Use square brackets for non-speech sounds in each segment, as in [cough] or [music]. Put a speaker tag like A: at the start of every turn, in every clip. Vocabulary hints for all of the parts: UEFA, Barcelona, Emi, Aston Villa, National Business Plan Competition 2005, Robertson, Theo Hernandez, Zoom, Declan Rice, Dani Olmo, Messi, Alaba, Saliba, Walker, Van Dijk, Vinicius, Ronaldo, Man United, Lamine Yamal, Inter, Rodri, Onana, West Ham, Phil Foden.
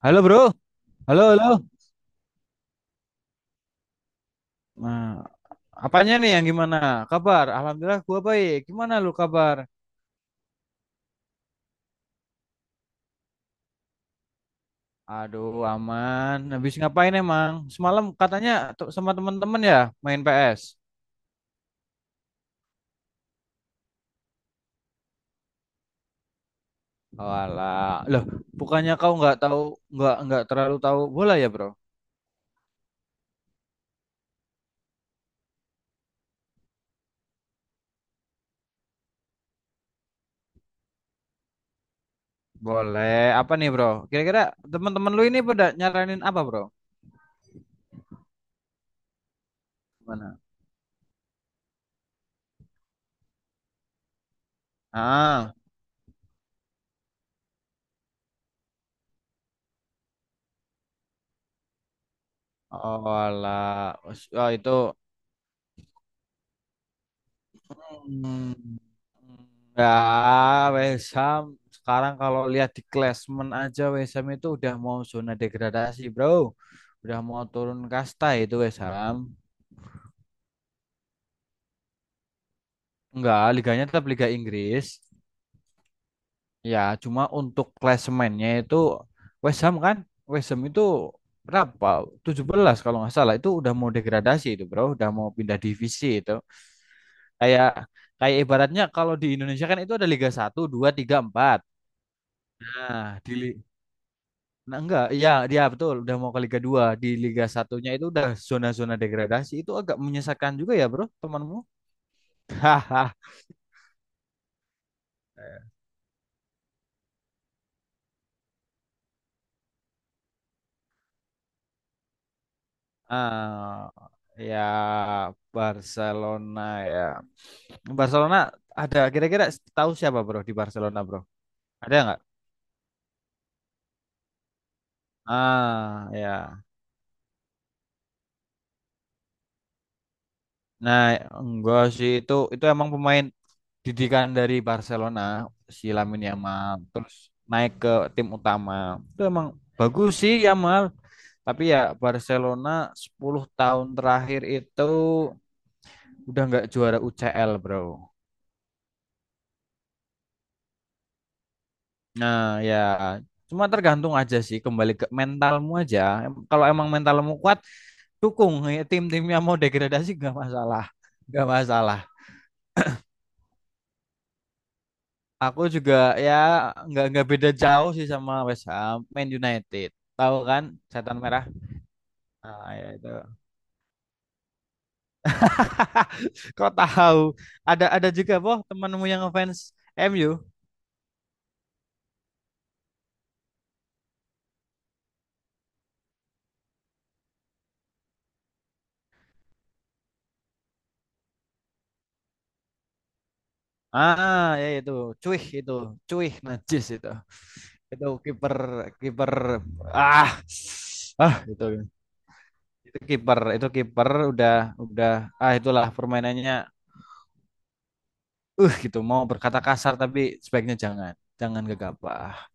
A: Halo bro, halo halo. Nah, apanya nih yang gimana? Kabar? Alhamdulillah gua baik. Gimana lu kabar? Aduh, aman. Habis ngapain emang? Semalam katanya tuh sama temen-temen ya main PS. Oh, alah. Loh, bukannya kau nggak tahu nggak terlalu tahu bola ya, Bro? Boleh. Apa nih, Bro? Kira-kira teman-teman lu ini pada nyaranin apa, Bro? Gimana? Ah, oh, alah. Oh, itu. Hmm. Ya, West Ham sekarang kalau lihat di klasemen aja West Ham itu udah mau zona degradasi, Bro. Udah mau turun kasta itu West Ham. Enggak, liganya tetap Liga Inggris. Ya, cuma untuk klasemennya itu West Ham kan. West Ham itu berapa? 17 kalau nggak salah itu udah mau degradasi itu, Bro. Udah mau pindah divisi itu. Kayak kayak ibaratnya kalau di Indonesia kan itu ada Liga satu 2 3 empat. Nah, di, Nah, enggak, iya, dia betul udah mau ke Liga dua. Di Liga satunya itu udah zona-zona degradasi. Itu agak menyesakkan juga ya, Bro, temanmu. [laughs] Hahaha. Ah, ya Barcelona ya. Barcelona ada kira-kira tahu siapa, Bro, di Barcelona, Bro? Ada nggak? Ah, ya. Nah, enggak sih, itu emang pemain didikan dari Barcelona si Lamine Yamal terus naik ke tim utama. Itu emang bagus sih Yamal. Tapi ya Barcelona 10 tahun terakhir itu udah nggak juara UCL, bro. Nah, ya cuma tergantung aja sih, kembali ke mentalmu aja. Kalau emang mentalmu kuat, dukung. Ya, tim tim yang mau degradasi nggak masalah. Nggak masalah. Aku juga ya nggak beda jauh sih sama West Ham, Man United. Tahu kan, setan merah. Nah, ya itu. [laughs] Kok tahu? Ada juga boh temanmu yang ngefans MU. Ah, ya ya, itu. Cuih itu. Cuih najis itu. Itu kiper, kiper ah itu. Itu kiper udah ah itulah permainannya. Gitu mau berkata kasar tapi sebaiknya jangan. Jangan gegabah.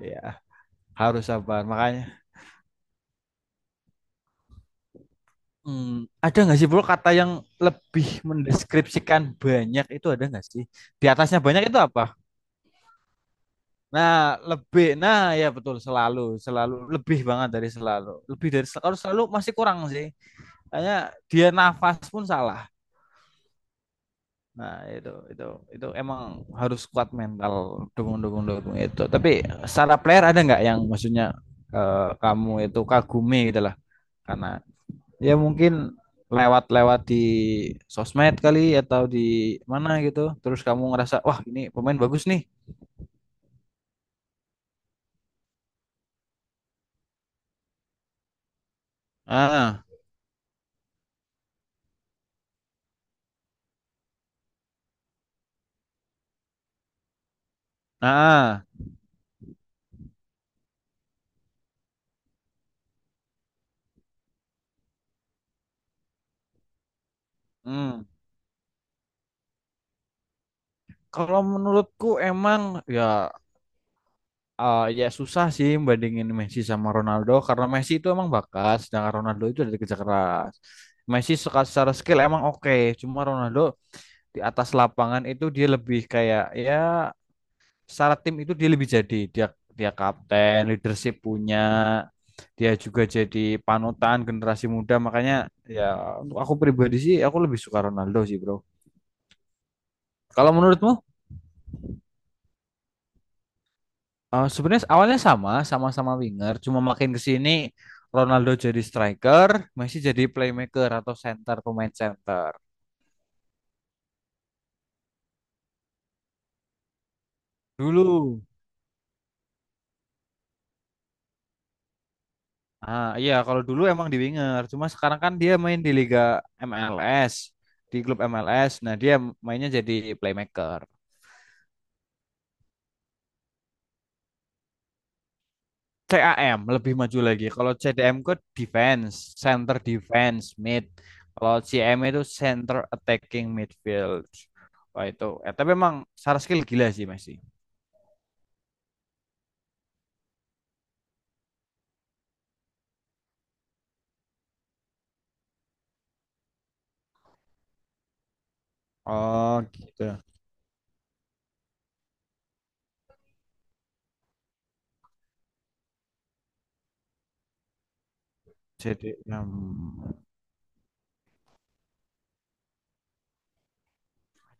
A: Ya, harus sabar. Makanya hmm, ada nggak sih bro kata yang lebih mendeskripsikan banyak itu, ada nggak sih? Di atasnya banyak itu apa? Nah, lebih. Nah, ya betul selalu, selalu lebih banget dari selalu. Lebih dari kalau selalu masih kurang sih. Hanya dia nafas pun salah. Nah, itu emang harus kuat mental dukung-dukung dukung itu. Tapi secara player ada nggak yang maksudnya kamu itu kagumi gitu lah karena ya mungkin lewat-lewat di sosmed kali atau di mana gitu. Terus kamu ngerasa, "Wah, ini pemain bagus nih." Ah, ah. Hmm. Kalau menurutku emang ya ya susah sih bandingin Messi sama Ronaldo karena Messi itu emang bakat, sedangkan Ronaldo itu dari kerja keras. Messi secara skill emang oke, cuma Ronaldo di atas lapangan itu dia lebih kayak, ya secara tim itu dia lebih jadi dia dia kapten, leadership punya, dia juga jadi panutan generasi muda makanya ya untuk aku pribadi sih aku lebih suka Ronaldo sih bro. Kalau menurutmu? Eh, sebenarnya awalnya sama, sama-sama winger, cuma makin ke sini Ronaldo jadi striker, Messi jadi playmaker atau center, pemain center. Dulu, ah iya kalau dulu emang di winger, cuma sekarang kan dia main di Liga MLS, di klub MLS. Nah, dia mainnya jadi playmaker. CAM lebih maju lagi. Kalau CDM ke defense, center defense, mid. Kalau CM itu center attacking midfield. Wah itu, tapi emang secara skill gila sih Messi. Oh gitu. Jadi enam.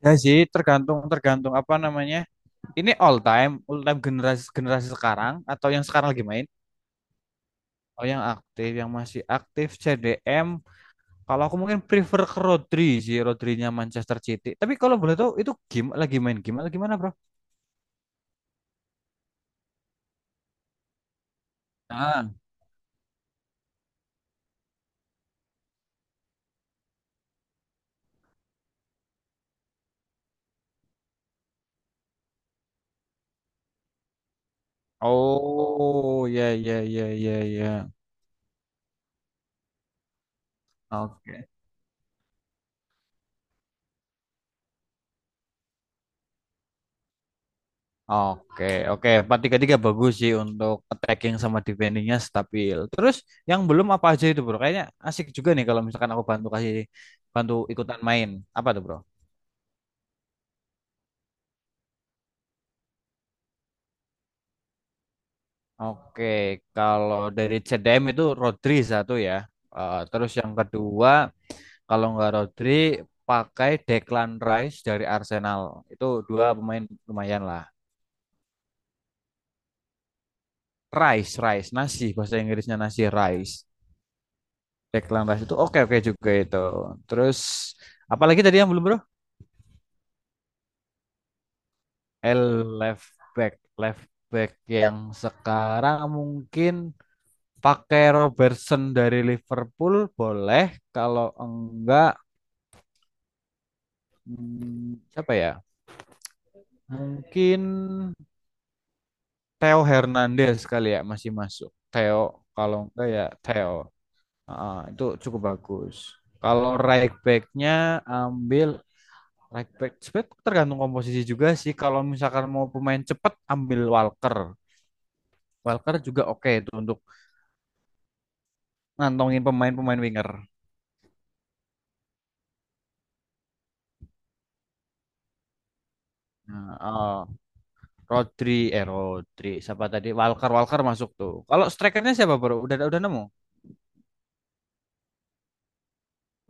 A: Ya sih tergantung tergantung apa namanya. Ini all time generasi generasi sekarang atau yang sekarang lagi main? Oh yang aktif, yang masih aktif CDM. Kalau aku mungkin prefer ke Rodri sih, Rodrinya Manchester City. Tapi kalau boleh tahu itu game lagi main game atau gimana, Bro? Ah. Oh, ya ya ya ya ya. Oke. Oke, oke. 4-3-3 bagus sih untuk attacking sama defendingnya stabil. Terus yang belum apa aja itu bro? Kayaknya asik juga nih kalau misalkan aku bantu ikutan main. Apa tuh bro? Oke, kalau dari CDM itu Rodri satu ya. Eh, terus yang kedua, kalau nggak Rodri, pakai Declan Rice dari Arsenal. Itu dua pemain lumayan lah. Rice, Rice, nasi bahasa Inggrisnya nasi Rice. Declan Rice itu oke oke juga itu. Terus apalagi tadi yang belum bro? L left back left back yang sekarang mungkin pakai Robertson dari Liverpool boleh. Kalau enggak siapa ya? Mungkin Theo Hernandez kali ya masih masuk. Theo kalau enggak ya Theo. Ah, itu cukup bagus. Kalau right backnya ambil. Right back. Sebenarnya tergantung komposisi juga sih. Kalau misalkan mau pemain cepat ambil Walker. Walker juga oke itu untuk ngantongin pemain-pemain winger. Nah, Rodri, Rodri, siapa tadi? Walker, Walker masuk tuh. Kalau strikernya siapa bro? Udah nemu?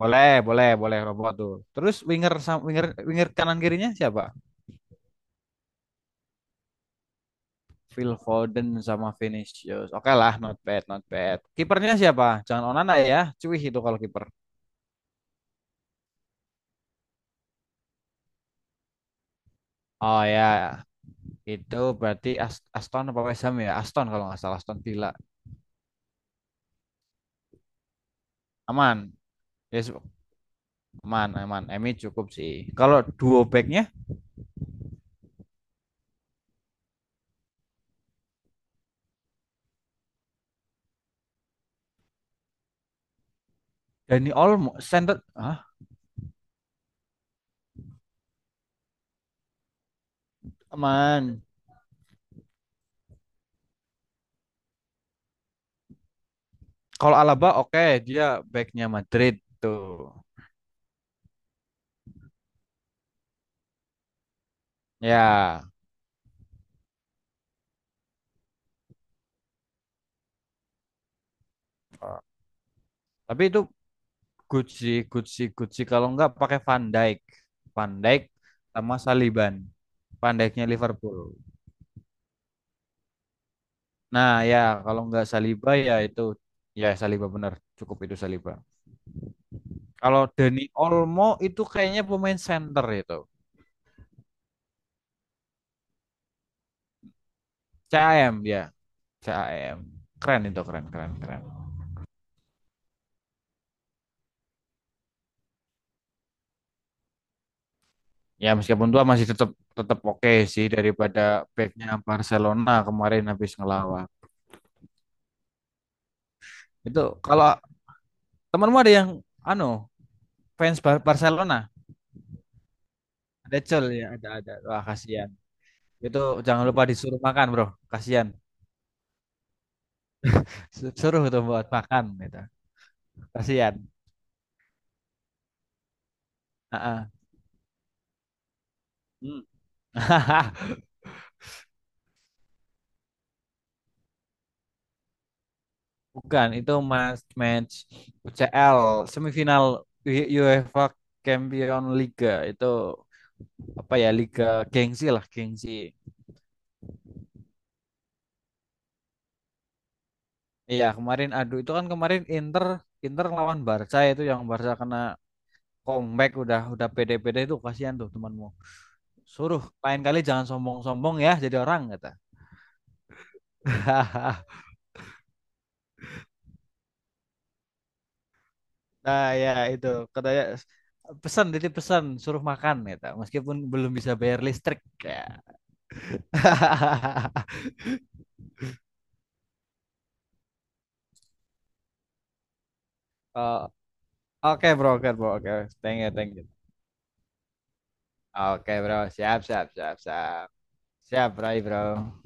A: Boleh, boleh, boleh robot tuh. Terus winger winger winger kanan kirinya siapa? Phil Foden sama Vinicius. Oke lah, not bad, not bad. Kipernya siapa? Jangan Onana ya. Cuy itu kalau kiper. Oh ya. Itu berarti Aston apa West Ham ya? Aston kalau nggak salah Aston Villa. Aman. Yes, aman, aman. Emi cukup sih. Kalau duo backnya Dani Olmo, center, aman. Kalau Alaba oke, dia backnya Madrid tuh. Ya, tapi itu good sih, good sih, good sih. Kalau nggak pakai Van Dijk, sama Saliban. Van Dijknya Liverpool. Nah ya, kalau nggak Saliba ya itu, ya Saliba bener. Cukup itu Saliba. Kalau Dani Olmo itu kayaknya pemain center itu. CAM ya, CAM. Keren itu, keren, keren, keren. Ya meskipun tua masih tetap tetap oke sih daripada backnya Barcelona kemarin habis ngelawan. Itu kalau temanmu ada yang anu fans Barcelona, ada cel ya, ada ada. Wah, kasihan. Itu jangan lupa disuruh makan, Bro. Kasihan. Suruh itu buat makan gitu. Kasihan. Heeh. Hmm. [laughs] Bukan, itu match match UCL semifinal UEFA Champion Liga itu apa ya, Liga gengsi lah, gengsi. Iya kemarin aduh itu kan kemarin Inter Inter lawan Barca itu yang Barca kena comeback udah pede-pede itu kasihan tuh temanmu. Suruh lain kali jangan sombong-sombong ya jadi orang kata. [laughs] Nah ya itu katanya pesan, titip pesan suruh makan kata meskipun belum bisa bayar listrik ya. [laughs] Eh, oke bro, oke bro, oke. Thank you, thank you. Oke bro, siap, siap, siap, siap. Siap, Rai bro.